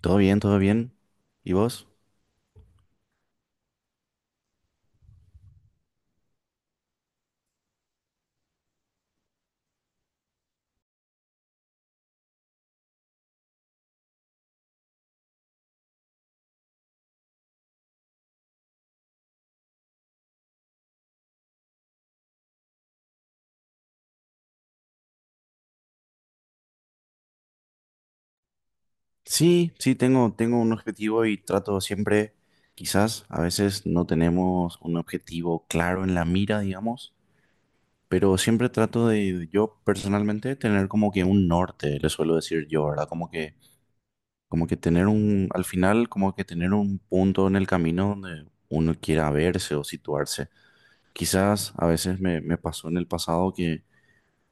Todo bien, todo bien. ¿Y vos? Sí, sí, tengo, tengo un objetivo y trato siempre, quizás a veces no tenemos un objetivo claro en la mira, digamos, pero siempre trato de, yo personalmente, tener como que un norte, le suelo decir yo, ¿verdad? Como que tener un, al final, como que tener un punto en el camino donde uno quiera verse o situarse. Quizás a veces me, me pasó en el pasado que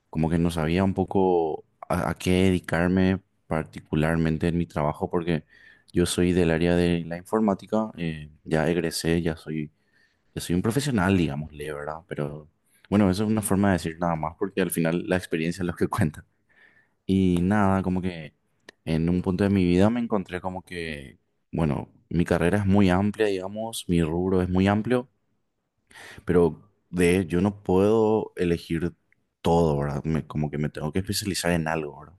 como que no sabía un poco a qué dedicarme particularmente en mi trabajo, porque yo soy del área de la informática, ya egresé, ya soy un profesional, digámosle, ¿verdad? Pero bueno, eso es una forma de decir nada más, porque al final la experiencia es lo que cuenta. Y nada, como que en un punto de mi vida me encontré como que, bueno, mi carrera es muy amplia, digamos, mi rubro es muy amplio. Pero de yo no puedo elegir todo, ¿verdad? Como que me tengo que especializar en algo, ¿verdad?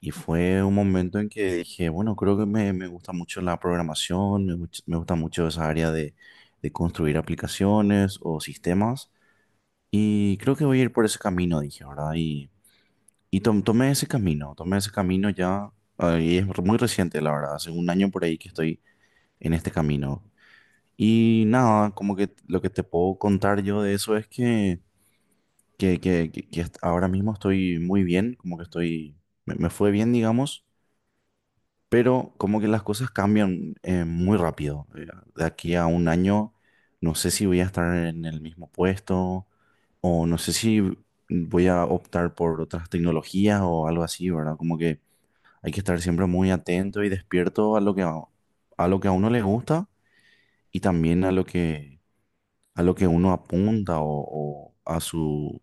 Y fue un momento en que dije, bueno, creo que me gusta mucho la programación, me gusta mucho esa área de construir aplicaciones o sistemas. Y creo que voy a ir por ese camino, dije, ¿verdad? Y, tomé ese camino ya, y es muy reciente, la verdad, hace un año por ahí que estoy en este camino. Y nada, como que lo que te puedo contar yo de eso es que ahora mismo estoy muy bien, como que estoy, me fue bien, digamos, pero como que las cosas cambian muy rápido. De aquí a un año, no sé si voy a estar en el mismo puesto o no sé si voy a optar por otras tecnologías o algo así, ¿verdad? Como que hay que estar siempre muy atento y despierto a lo que a lo que a uno le gusta y también a lo que uno apunta o a su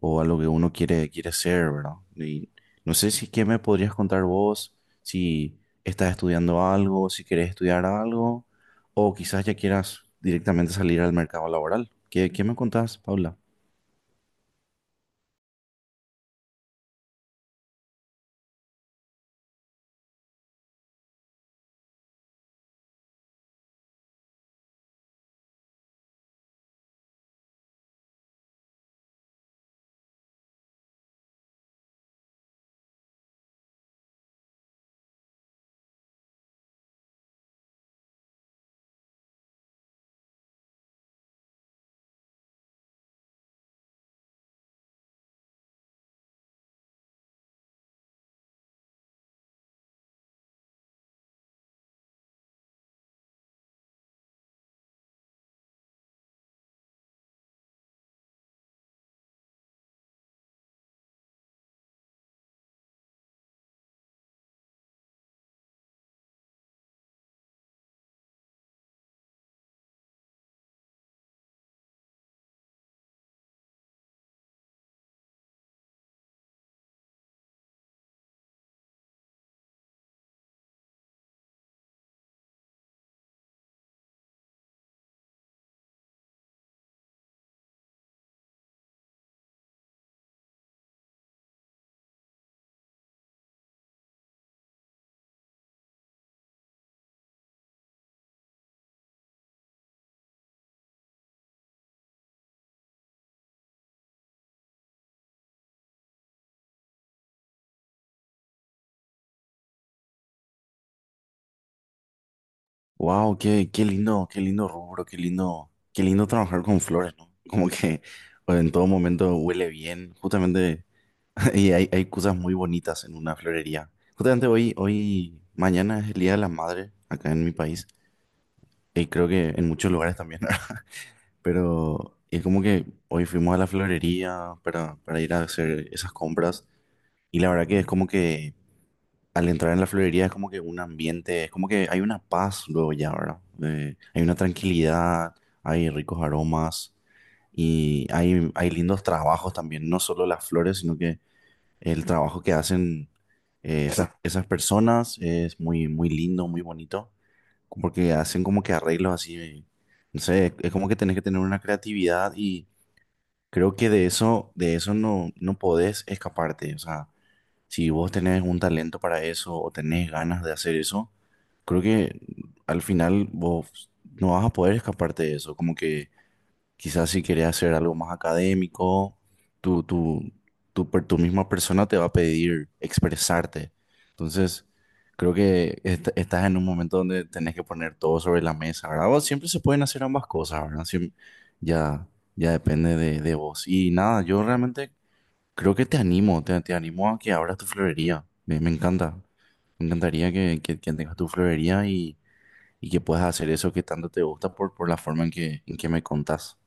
o a lo que uno quiere, quiere ser, ¿verdad? Y no sé si qué me podrías contar vos, si estás estudiando algo, si querés estudiar algo, o quizás ya quieras directamente salir al mercado laboral. ¿Qué, qué me contás, Paula? Wow, qué, qué lindo rubro, qué lindo trabajar con flores, ¿no? Como que o en todo momento huele bien, justamente, y hay cosas muy bonitas en una florería. Justamente hoy, hoy, mañana es el Día de la Madre acá en mi país. Y creo que en muchos lugares también, ¿verdad? Pero es como que hoy fuimos a la florería para ir a hacer esas compras. Y la verdad que es como que al entrar en la florería es como que un ambiente, es como que hay una paz luego ya, ¿verdad? Hay una tranquilidad, hay ricos aromas y hay lindos trabajos también, no solo las flores, sino que el trabajo que hacen esas, esas personas es muy, muy lindo, muy bonito, porque hacen como que arreglos así, no sé, es como que tenés que tener una creatividad y creo que de eso no, no podés escaparte. O sea, si vos tenés un talento para eso o tenés ganas de hacer eso, creo que al final vos no vas a poder escaparte de eso, como que quizás si querés hacer algo más académico, tu, tu misma persona te va a pedir expresarte. Entonces, creo que estás en un momento donde tenés que poner todo sobre la mesa, ¿verdad? O siempre se pueden hacer ambas cosas, ¿verdad? Ya, ya depende de vos. Y nada, yo realmente creo que te animo, te animo a que abras tu florería. Me encanta. Me encantaría que tengas tu florería y que puedas hacer eso que tanto te gusta por la forma en que me contás.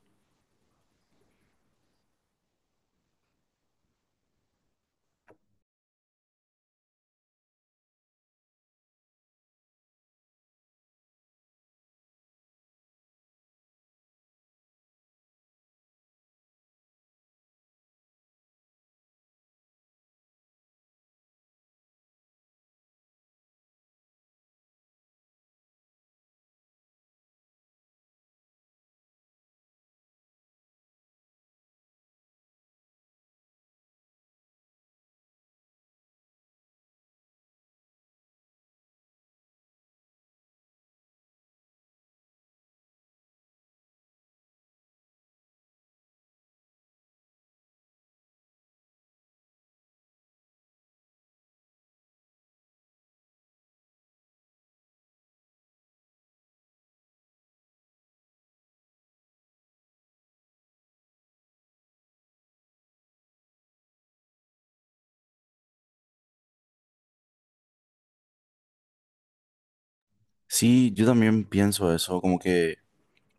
Sí, yo también pienso eso, como que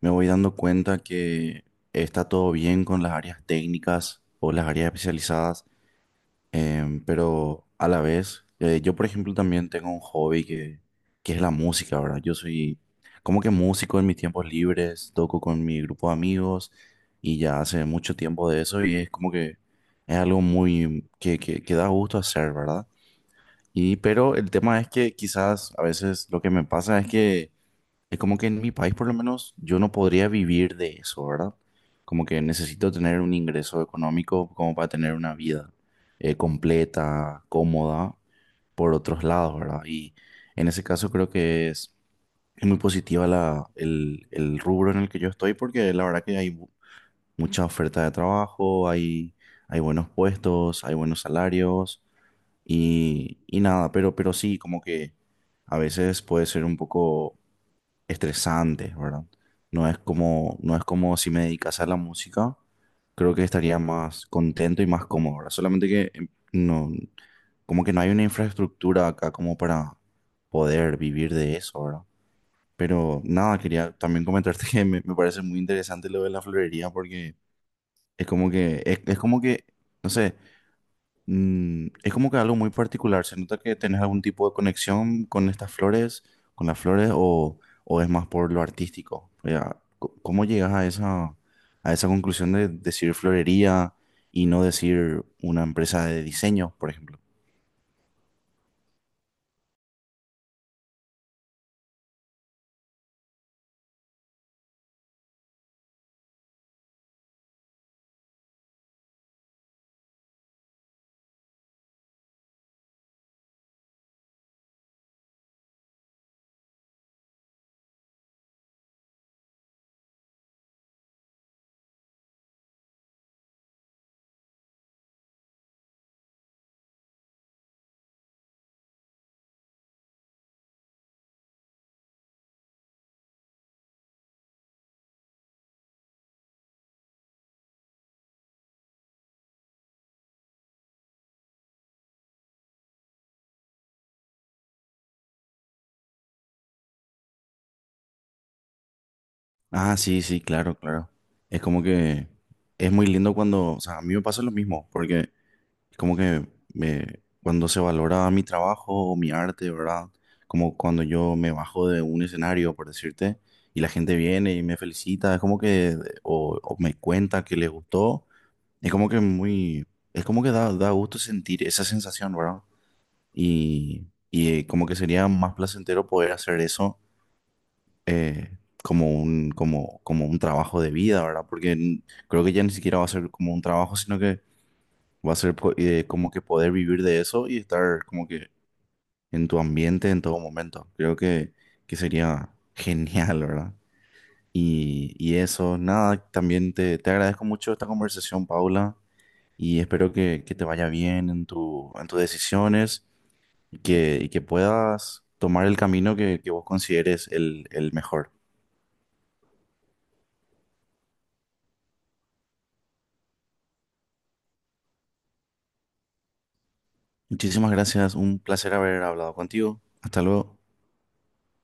me voy dando cuenta que está todo bien con las áreas técnicas o las áreas especializadas, pero a la vez, yo por ejemplo también tengo un hobby que es la música, ¿verdad? Yo soy como que músico en mis tiempos libres, toco con mi grupo de amigos y ya hace mucho tiempo de eso y es como que es algo muy que da gusto hacer, ¿verdad? Y pero el tema es que quizás a veces lo que me pasa es que es como que en mi país, por lo menos, yo no podría vivir de eso, ¿verdad? Como que necesito tener un ingreso económico como para tener una vida completa, cómoda, por otros lados, ¿verdad? Y en ese caso creo que es muy positiva la, el rubro en el que yo estoy porque la verdad que hay mucha oferta de trabajo, hay buenos puestos, hay buenos salarios y nada, pero sí, como que a veces puede ser un poco estresante, ¿verdad? No es como, no es como si me dedicase a la música, creo que estaría más contento y más cómodo, ¿verdad? Solamente que no, como que no hay una infraestructura acá como para poder vivir de eso, ¿verdad? Pero nada, quería también comentarte que me parece muy interesante lo de la florería porque es como que, no sé, es como que algo muy particular. ¿Se nota que tenés algún tipo de conexión con estas flores, con las flores, o es más por lo artístico? O sea, ¿cómo llegas a esa conclusión de decir florería y no decir una empresa de diseño, por ejemplo? Ah, sí, sí, claro, claro. Es como que es muy lindo cuando, o sea, a mí me pasa lo mismo, porque es como que me, cuando se valora mi trabajo o mi arte, ¿verdad? Como cuando yo me bajo de un escenario, por decirte, y la gente viene y me felicita, es como que, o me cuenta que le gustó, es como que muy, es como que da, da gusto sentir esa sensación, ¿verdad? Y, y como que sería más placentero poder hacer eso eh, como un, como, como un trabajo de vida, ¿verdad? Porque creo que ya ni siquiera va a ser como un trabajo, sino que va a ser como que poder vivir de eso y estar como que en tu ambiente en todo momento. Creo que sería genial, ¿verdad? Y eso, nada, también te agradezco mucho esta conversación, Paula, y espero que te vaya bien en tu, en tus decisiones y que puedas tomar el camino que vos consideres el mejor. Muchísimas gracias, un placer haber hablado contigo. Hasta luego.